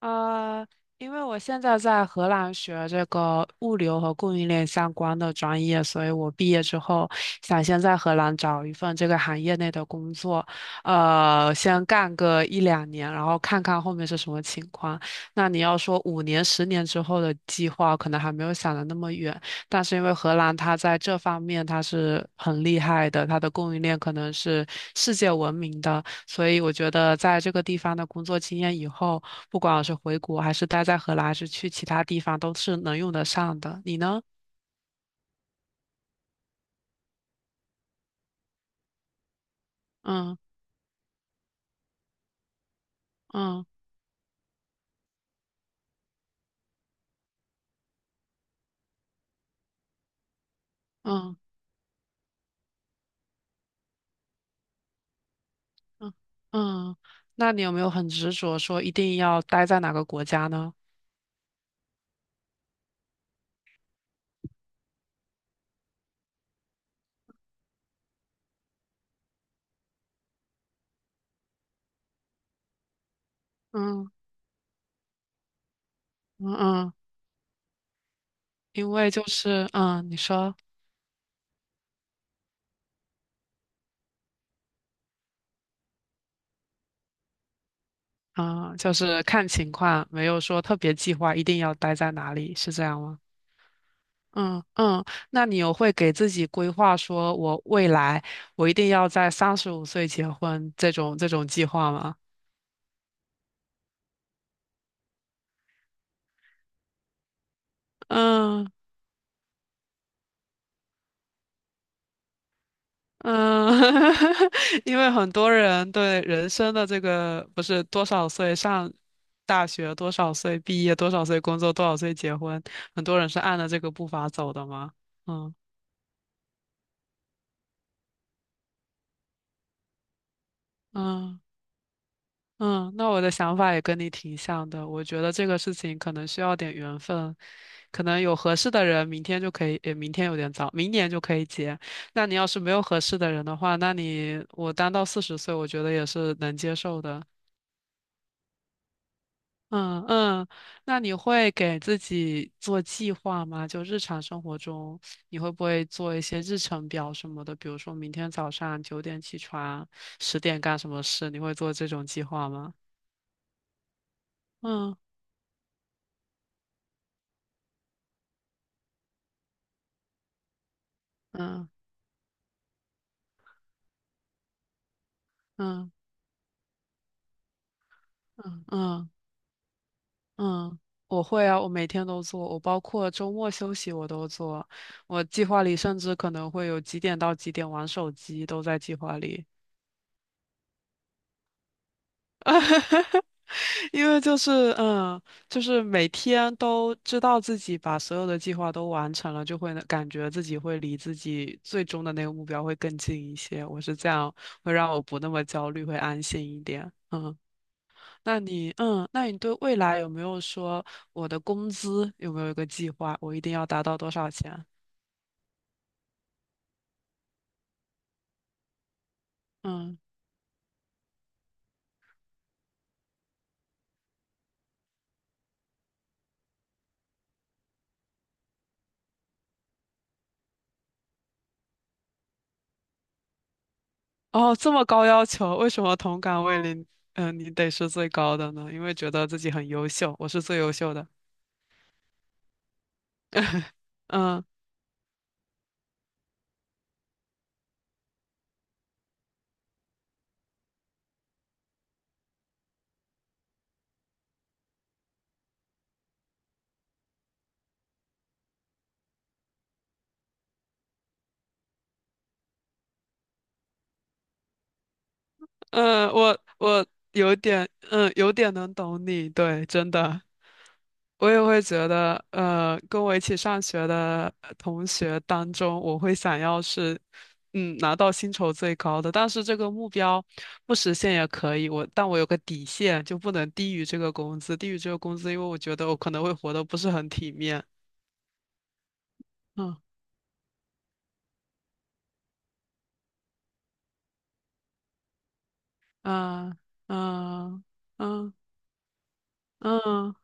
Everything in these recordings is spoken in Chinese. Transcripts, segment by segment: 呃，因为我现在在荷兰学这个物流和供应链相关的专业，所以我毕业之后想先在荷兰找一份这个行业内的工作，先干个一两年，然后看看后面是什么情况。那你要说5年、十年之后的计划，可能还没有想的那么远，但是因为荷兰它在这方面它是很厉害的，它的供应链可能是世界闻名的。所以我觉得在这个地方的工作经验以后，不管我是回国还是待在荷兰，还是去其他地方，都是能用得上的。你呢？嗯嗯嗯嗯嗯，那你有没有很执着说一定要待在哪个国家呢？嗯嗯嗯，因为就是你说嗯，就是看情况，没有说特别计划一定要待在哪里，是这样吗？嗯嗯，那你有会给自己规划说，我未来我一定要在35岁结婚这种计划吗？嗯嗯，因为很多人对人生的这个不是多少岁上大学，多少岁毕业，多少岁工作，多少岁结婚，很多人是按着这个步伐走的吗？嗯嗯。嗯，那我的想法也跟你挺像的。我觉得这个事情可能需要点缘分，可能有合适的人，明天就可以，也明天有点早，明年就可以结。那你要是没有合适的人的话，那你我单到40岁，我觉得也是能接受的。嗯嗯，那你会给自己做计划吗？就日常生活中，你会不会做一些日程表什么的？比如说明天早上9点起床，10点干什么事？你会做这种计划吗？嗯嗯。嗯嗯嗯嗯，我会啊，我每天都做，我包括周末休息我都做。我计划里甚至可能会有几点到几点玩手机都在计划里，因为就是嗯，就是每天都知道自己把所有的计划都完成了，就会感觉自己会离自己最终的那个目标会更近一些。我是这样，会让我不那么焦虑，会安心一点。嗯。那你，嗯，那你对未来有没有说我的工资有没有一个计划？我一定要达到多少钱？嗯，哦，这么高要求，为什么同岗位里，嗯，你得是最高的呢？因为觉得自己很优秀，我是最优秀的。嗯嗯，我有点，嗯，有点能懂你，对，真的，我也会觉得，呃，跟我一起上学的呃同学当中，我会想要是，嗯，拿到薪酬最高的，但是这个目标不实现也可以，我，但我有个底线，就不能低于这个工资，低于这个工资，因为我觉得我可能会活得不是很体面。嗯嗯嗯嗯嗯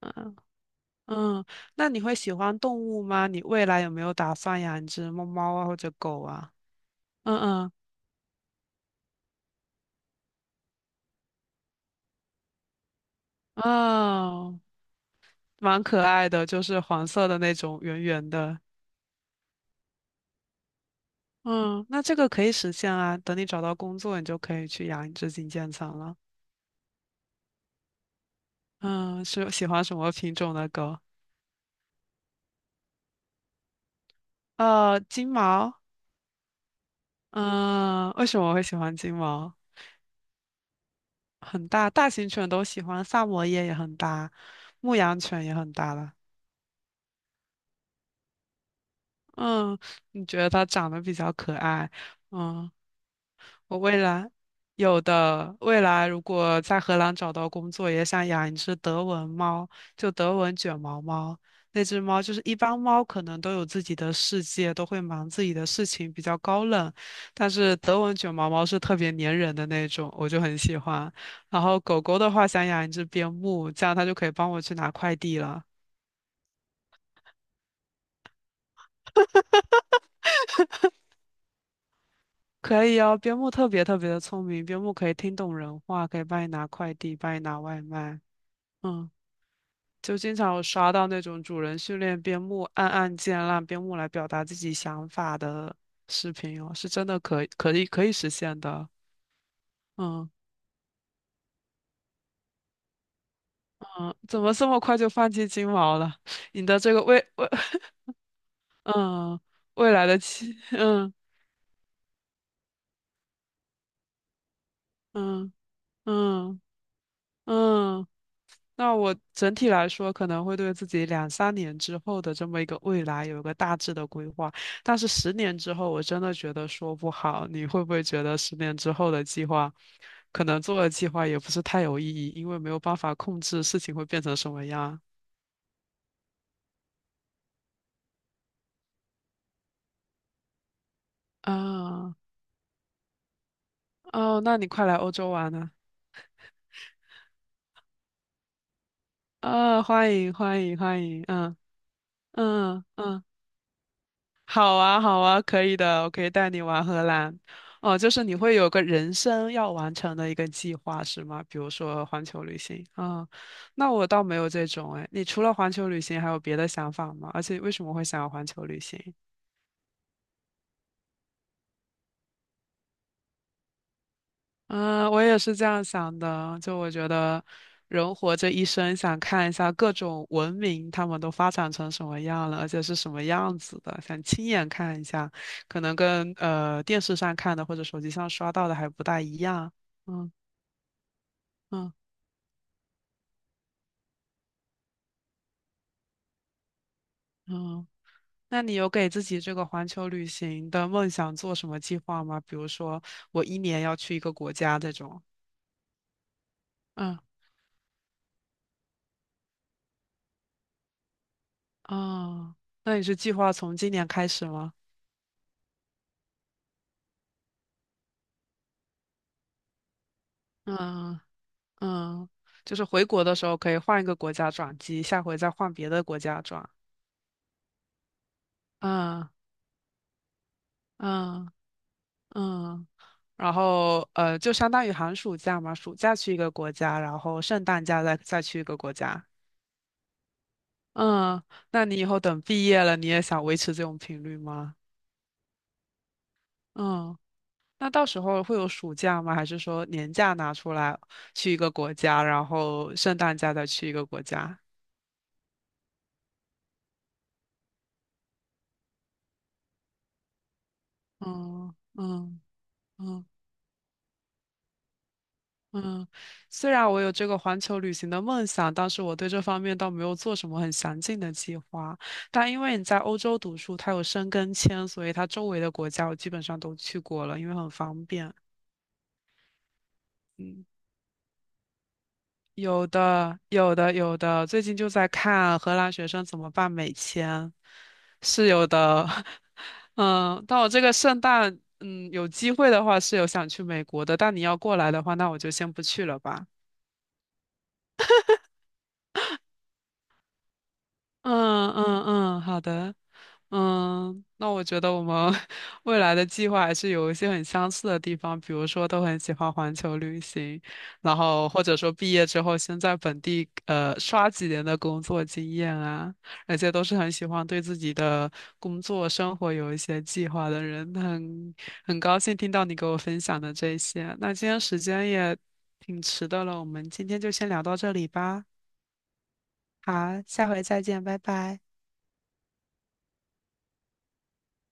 嗯。嗯，那你会喜欢动物吗？你未来有没有打算养一只猫猫啊，或者狗啊？嗯嗯，哦，蛮可爱的，就是黄色的那种，圆圆的。嗯，那这个可以实现啊。等你找到工作，你就可以去养一只金渐层了。嗯，是喜欢什么品种的狗？金毛。嗯，为什么我会喜欢金毛？很大，大型犬都喜欢，萨摩耶也很大，牧羊犬也很大了。嗯，你觉得它长得比较可爱？嗯，我未来有的，未来如果在荷兰找到工作，也想养一只德文猫，就德文卷毛猫。那只猫就是一般猫可能都有自己的世界，都会忙自己的事情，比较高冷。但是德文卷毛猫是特别粘人的那种，我就很喜欢。然后狗狗的话，想养一只边牧，这样它就可以帮我去拿快递了。可以哦，边牧特别特别的聪明，边牧可以听懂人话，可以帮你拿快递，帮你拿外卖。嗯，就经常有刷到那种主人训练边牧按按键让边牧来表达自己想法的视频哦，是真的可以实现的。嗯嗯，怎么这么快就放弃金毛了？你的这个未未 嗯未来的期嗯嗯嗯嗯。嗯那我整体来说可能会对自己两三年之后的这么一个未来有一个大致的规划，但是十年之后我真的觉得说不好。你会不会觉得十年之后的计划，可能做的计划也不是太有意义，因为没有办法控制事情会变成什么样啊？哦，那你快来欧洲玩啊！啊，欢迎欢迎欢迎，嗯嗯嗯。好啊，好啊，可以的，我可以带你玩荷兰。哦，就是你会有个人生要完成的一个计划是吗？比如说环球旅行啊，那我倒没有这种哎。你除了环球旅行还有别的想法吗？而且为什么会想要环球旅行？嗯，我也是这样想的。就我觉得，人活这一生，想看一下各种文明他们都发展成什么样了，而且是什么样子的，想亲眼看一下，可能跟电视上看的或者手机上刷到的还不大一样。嗯嗯嗯。那你有给自己这个环球旅行的梦想做什么计划吗？比如说，我一年要去一个国家这种。嗯哦，那你是计划从今年开始吗？嗯嗯，就是回国的时候可以换一个国家转机，下回再换别的国家转。嗯嗯嗯，然后就相当于寒暑假嘛，暑假去一个国家，然后圣诞假再去一个国家。嗯，那你以后等毕业了，你也想维持这种频率吗？嗯，那到时候会有暑假吗？还是说年假拿出来去一个国家，然后圣诞假再去一个国家？嗯嗯嗯。嗯，虽然我有这个环球旅行的梦想，但是我对这方面倒没有做什么很详尽的计划。但因为你在欧洲读书，它有申根签，所以它周围的国家我基本上都去过了，因为很方便。嗯，有的，有的，有的。最近就在看荷兰学生怎么办美签，是有的。嗯，但我这个圣诞，嗯，有机会的话是有想去美国的，但你要过来的话，那我就先不去了吧。嗯嗯嗯，好的。嗯，那我觉得我们 未来的计划还是有一些很相似的地方，比如说都很喜欢环球旅行，然后或者说毕业之后先在本地刷几年的工作经验啊，而且都是很喜欢对自己的工作生活有一些计划的人，很高兴听到你给我分享的这些。那今天时间也挺迟的了，我们今天就先聊到这里吧。好，下回再见，拜拜。